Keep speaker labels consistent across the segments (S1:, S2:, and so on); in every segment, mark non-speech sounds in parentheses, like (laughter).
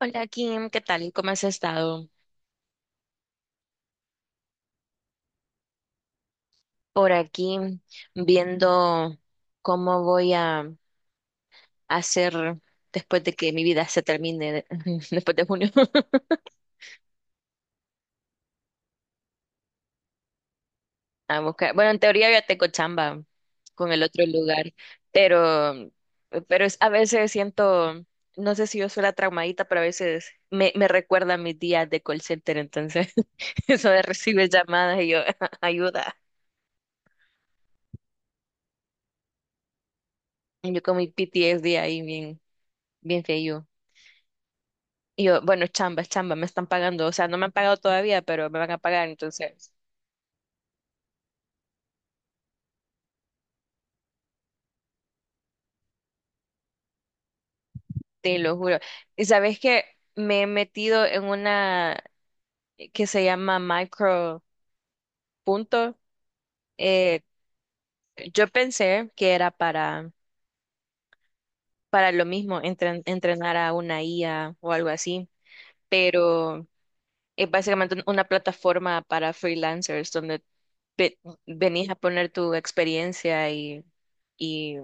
S1: Hola Kim, ¿qué tal? ¿Cómo has estado? Por aquí viendo cómo voy a hacer después de que mi vida se termine, (laughs) después de junio. (laughs) A buscar. Bueno, en teoría ya tengo chamba con el otro lugar, pero, pero a veces siento, no sé si yo soy la traumadita, pero a veces me recuerda a mis días de call center, entonces (laughs) eso de recibir llamadas y yo, (laughs) ayuda. Yo con mi PTSD ahí bien, bien feo. Y yo, bueno, es chamba, me están pagando. O sea, no me han pagado todavía, pero me van a pagar, entonces, te lo juro. Y sabes que me he metido en una que se llama micro punto. Eh, yo pensé que era para lo mismo, entrenar a una IA o algo así, pero es básicamente una plataforma para freelancers donde ve- venís a poner tu experiencia y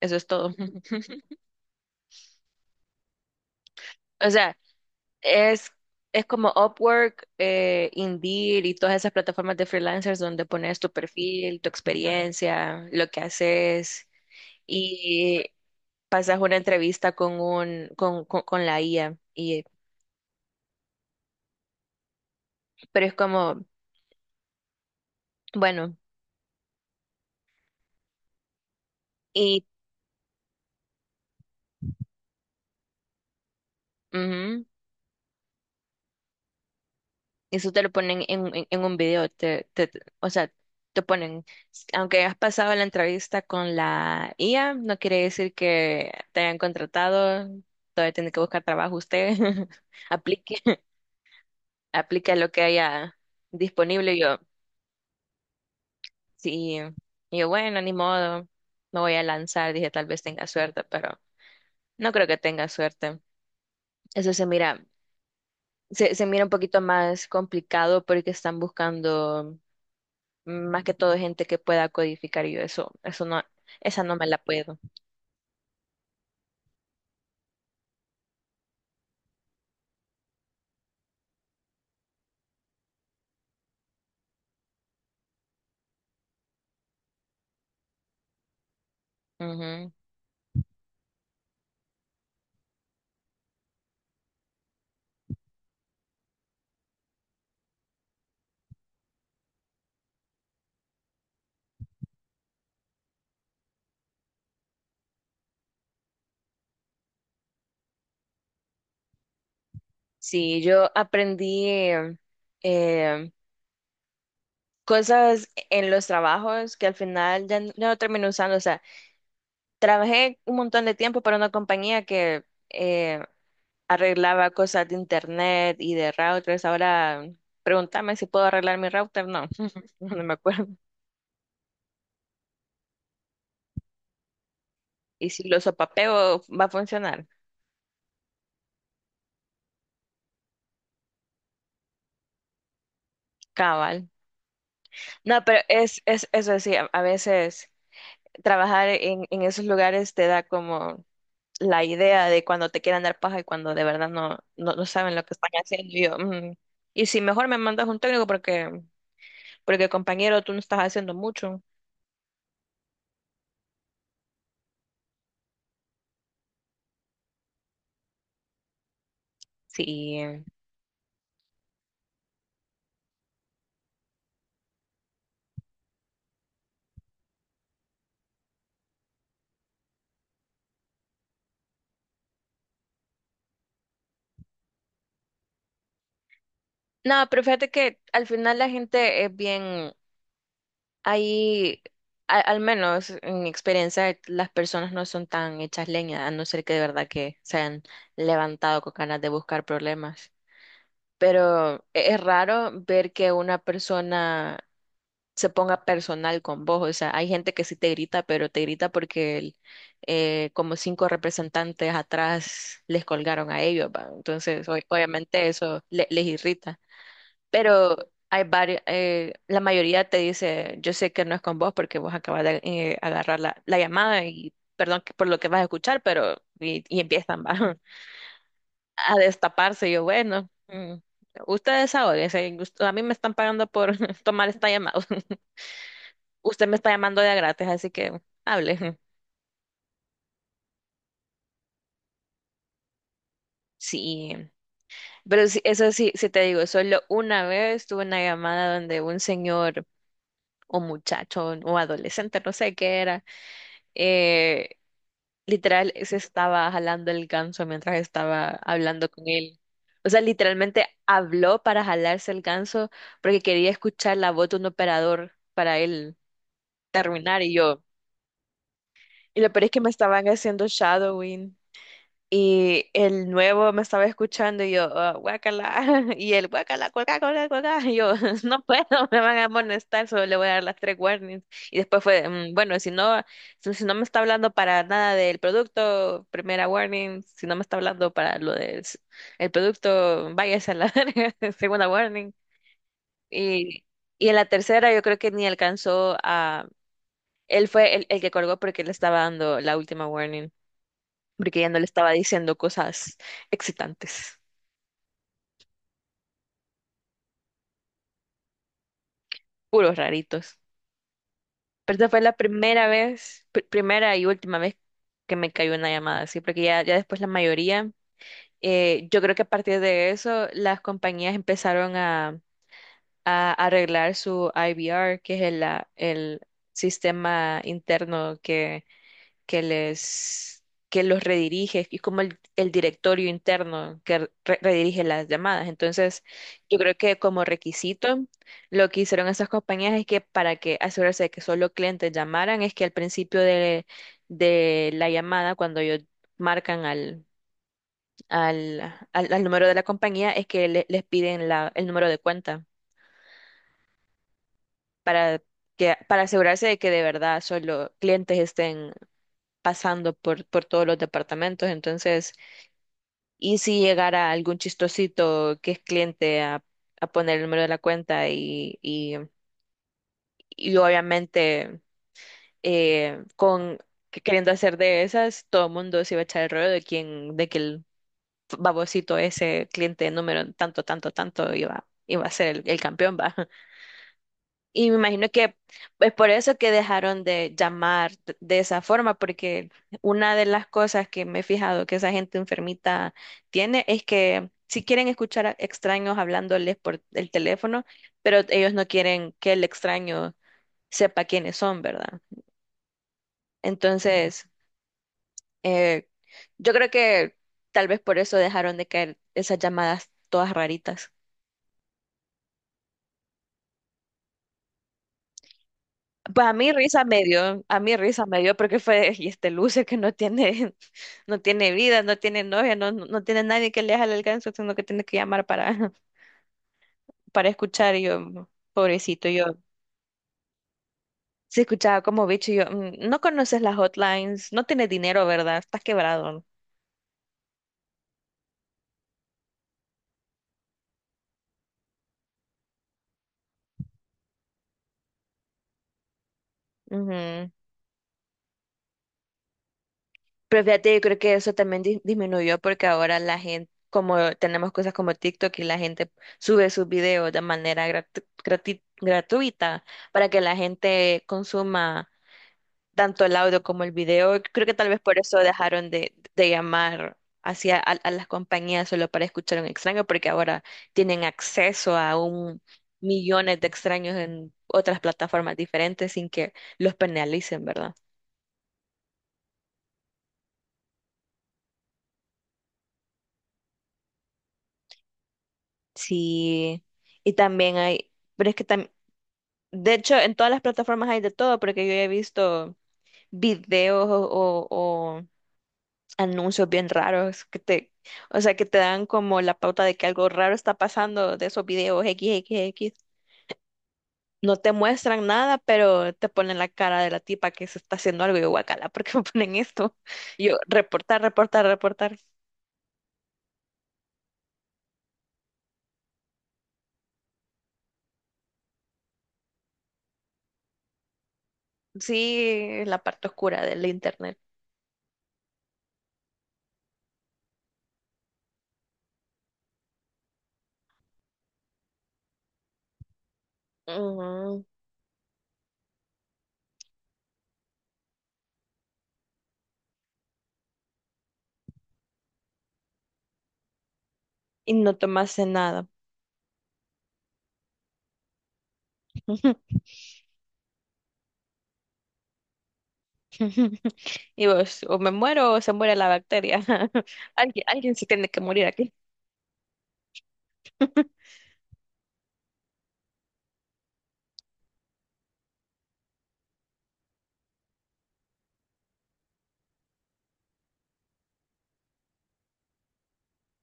S1: eso es todo. (laughs) O sea, Es, es como Upwork, Indeed y todas esas plataformas de freelancers donde pones tu perfil, tu experiencia, lo que haces y pasas una entrevista con con la IA y pero es como, bueno, y ujú. Eso te lo ponen en un video, o sea, te ponen, aunque has pasado la entrevista con la IA, no quiere decir que te hayan contratado, todavía tiene que buscar trabajo usted, (laughs) aplique, (laughs) aplique lo que haya disponible. Y yo, sí, y yo, bueno, ni modo, me voy a lanzar, dije, tal vez tenga suerte, pero no creo que tenga suerte. Eso se mira, se mira un poquito más complicado porque están buscando más que todo gente que pueda codificar y yo eso no, esa no me la puedo. Ujú. Sí, yo aprendí eh, cosas en los trabajos que al final ya, ya no terminé usando. O sea, trabajé un montón de tiempo para una compañía que eh, arreglaba cosas de internet y de routers. Ahora pregúntame si puedo arreglar mi router. No, (laughs) no me acuerdo. Y si lo sopapeo, va a funcionar. Cabal. No, pero es eso sí, a veces trabajar en esos lugares te da como la idea de cuando te quieran dar paja y cuando de verdad no, no, no saben lo que están haciendo. Y yo, "Mm". Y si mejor me mandas un técnico porque, porque compañero, tú no estás haciendo mucho. Sí. No, pero fíjate que al final la gente es bien, ahí, al menos en mi experiencia, las personas no son tan hechas leña, a no ser que de verdad que se hayan levantado con ganas de buscar problemas. Pero es raro ver que una persona se ponga personal con vos. O sea, hay gente que sí te grita, pero te grita porque como cinco representantes atrás les colgaron a ellos, ¿va? Entonces, obviamente eso les irrita. Pero hay varios, la mayoría te dice, yo sé que no es con vos porque vos acabas de agarrar la llamada y perdón por lo que vas a escuchar, pero y empiezan ¿va? (laughs) a destaparse. Yo, bueno. Ustedes ahora, a mí me están pagando por (laughs) tomar esta llamada. Usted me está llamando de a gratis, así que hable. (laughs) Sí, pero sí, eso sí, sí te digo, solo una vez tuve una llamada donde un señor o muchacho o adolescente, no sé qué era, eh, literal se estaba jalando el ganso mientras estaba hablando con él. O sea, literalmente habló para jalarse el ganso porque quería escuchar la voz de un operador para él terminar y yo. Y lo peor es que me estaban haciendo shadowing. Y el nuevo me estaba escuchando y yo, "Ah, guácala, (laughs) y el guácala, cuaca, cuaca, cuaca", y yo, (laughs) no puedo, me van a amonestar, solo le voy a dar las tres warnings. Y después fue, "Mm, bueno, si no, si, si no me está hablando para nada del producto, primera warning, si no me está hablando para lo del el producto, váyase a la (laughs) verga", segunda warning. Y, y en la tercera yo creo que ni alcanzó a, él fue el que colgó porque le estaba dando la última warning porque ya no le estaba diciendo cosas excitantes, puros raritos. Pero esta fue la primera vez, primera y última vez que me cayó una llamada así, porque ya, ya después la mayoría, yo creo que a partir de eso las compañías empezaron a arreglar su IVR, que es el sistema interno que les, que los redirige, y como el directorio interno que redirige las llamadas. Entonces, yo creo que como requisito, lo que hicieron esas compañías es que para que asegurarse de que solo clientes llamaran, es que al principio de la llamada, cuando ellos marcan al, al número de la compañía, es que les piden la, el número de cuenta para que, para asegurarse de que de verdad solo clientes estén pasando por todos los departamentos. Entonces, y si llegara algún chistosito que es cliente a poner el número de la cuenta y obviamente con queriendo hacer de esas, todo el mundo se iba a echar el rollo de quién, de que el babosito ese cliente número tanto, tanto, tanto iba, iba a ser el campeón, va. Y me imagino que es por eso que dejaron de llamar de esa forma, porque una de las cosas que me he fijado que esa gente enfermita tiene es que si quieren escuchar a extraños hablándoles por el teléfono, pero ellos no quieren que el extraño sepa quiénes son, ¿verdad? Entonces, eh, yo creo que tal vez por eso dejaron de caer esas llamadas todas raritas. Pues a mí risa me dio, a mí risa me dio porque fue, y este Lucio que no tiene, (laughs) no tiene vida, no tiene novia, no, no no tiene nadie que le haga el alcance, sino que tiene que llamar para, (laughs) para escuchar, y yo, pobrecito, yo se escuchaba como bicho, y yo, "Mm, no conoces las hotlines, no tienes dinero, ¿verdad? Estás quebrado". Ujú. Pero fíjate, yo creo que eso también disminuyó porque ahora la gente, como tenemos cosas como TikTok y la gente sube sus videos de manera gratuita para que la gente consuma tanto el audio como el video. Creo que tal vez por eso dejaron de llamar hacia a las compañías solo para escuchar a un extraño, porque ahora tienen acceso a un millones de extraños en otras plataformas diferentes sin que los penalicen, ¿verdad? Sí, y también hay, pero es que también, de hecho, en todas las plataformas hay de todo, porque yo he visto videos o, o anuncios bien raros que te, o sea, que te dan como la pauta de que algo raro está pasando de esos videos x x x. No te muestran nada, pero te ponen la cara de la tipa que se está haciendo algo y yo, guacala, ¿por qué me ponen esto? Y yo, reportar, reportar, reportar. Sí, la parte oscura del internet. Ujú. Y no tomaste nada. (laughs) (laughs) Y vos, o me muero o se muere la bacteria. (laughs) Alguien, alguien se tiene que morir aquí.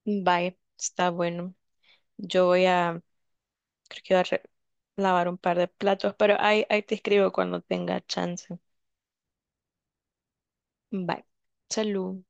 S1: Bye, está bueno. Yo voy a, creo que voy a lavar un par de platos, pero ahí, ahí te escribo cuando tenga chance. Bye. Salud.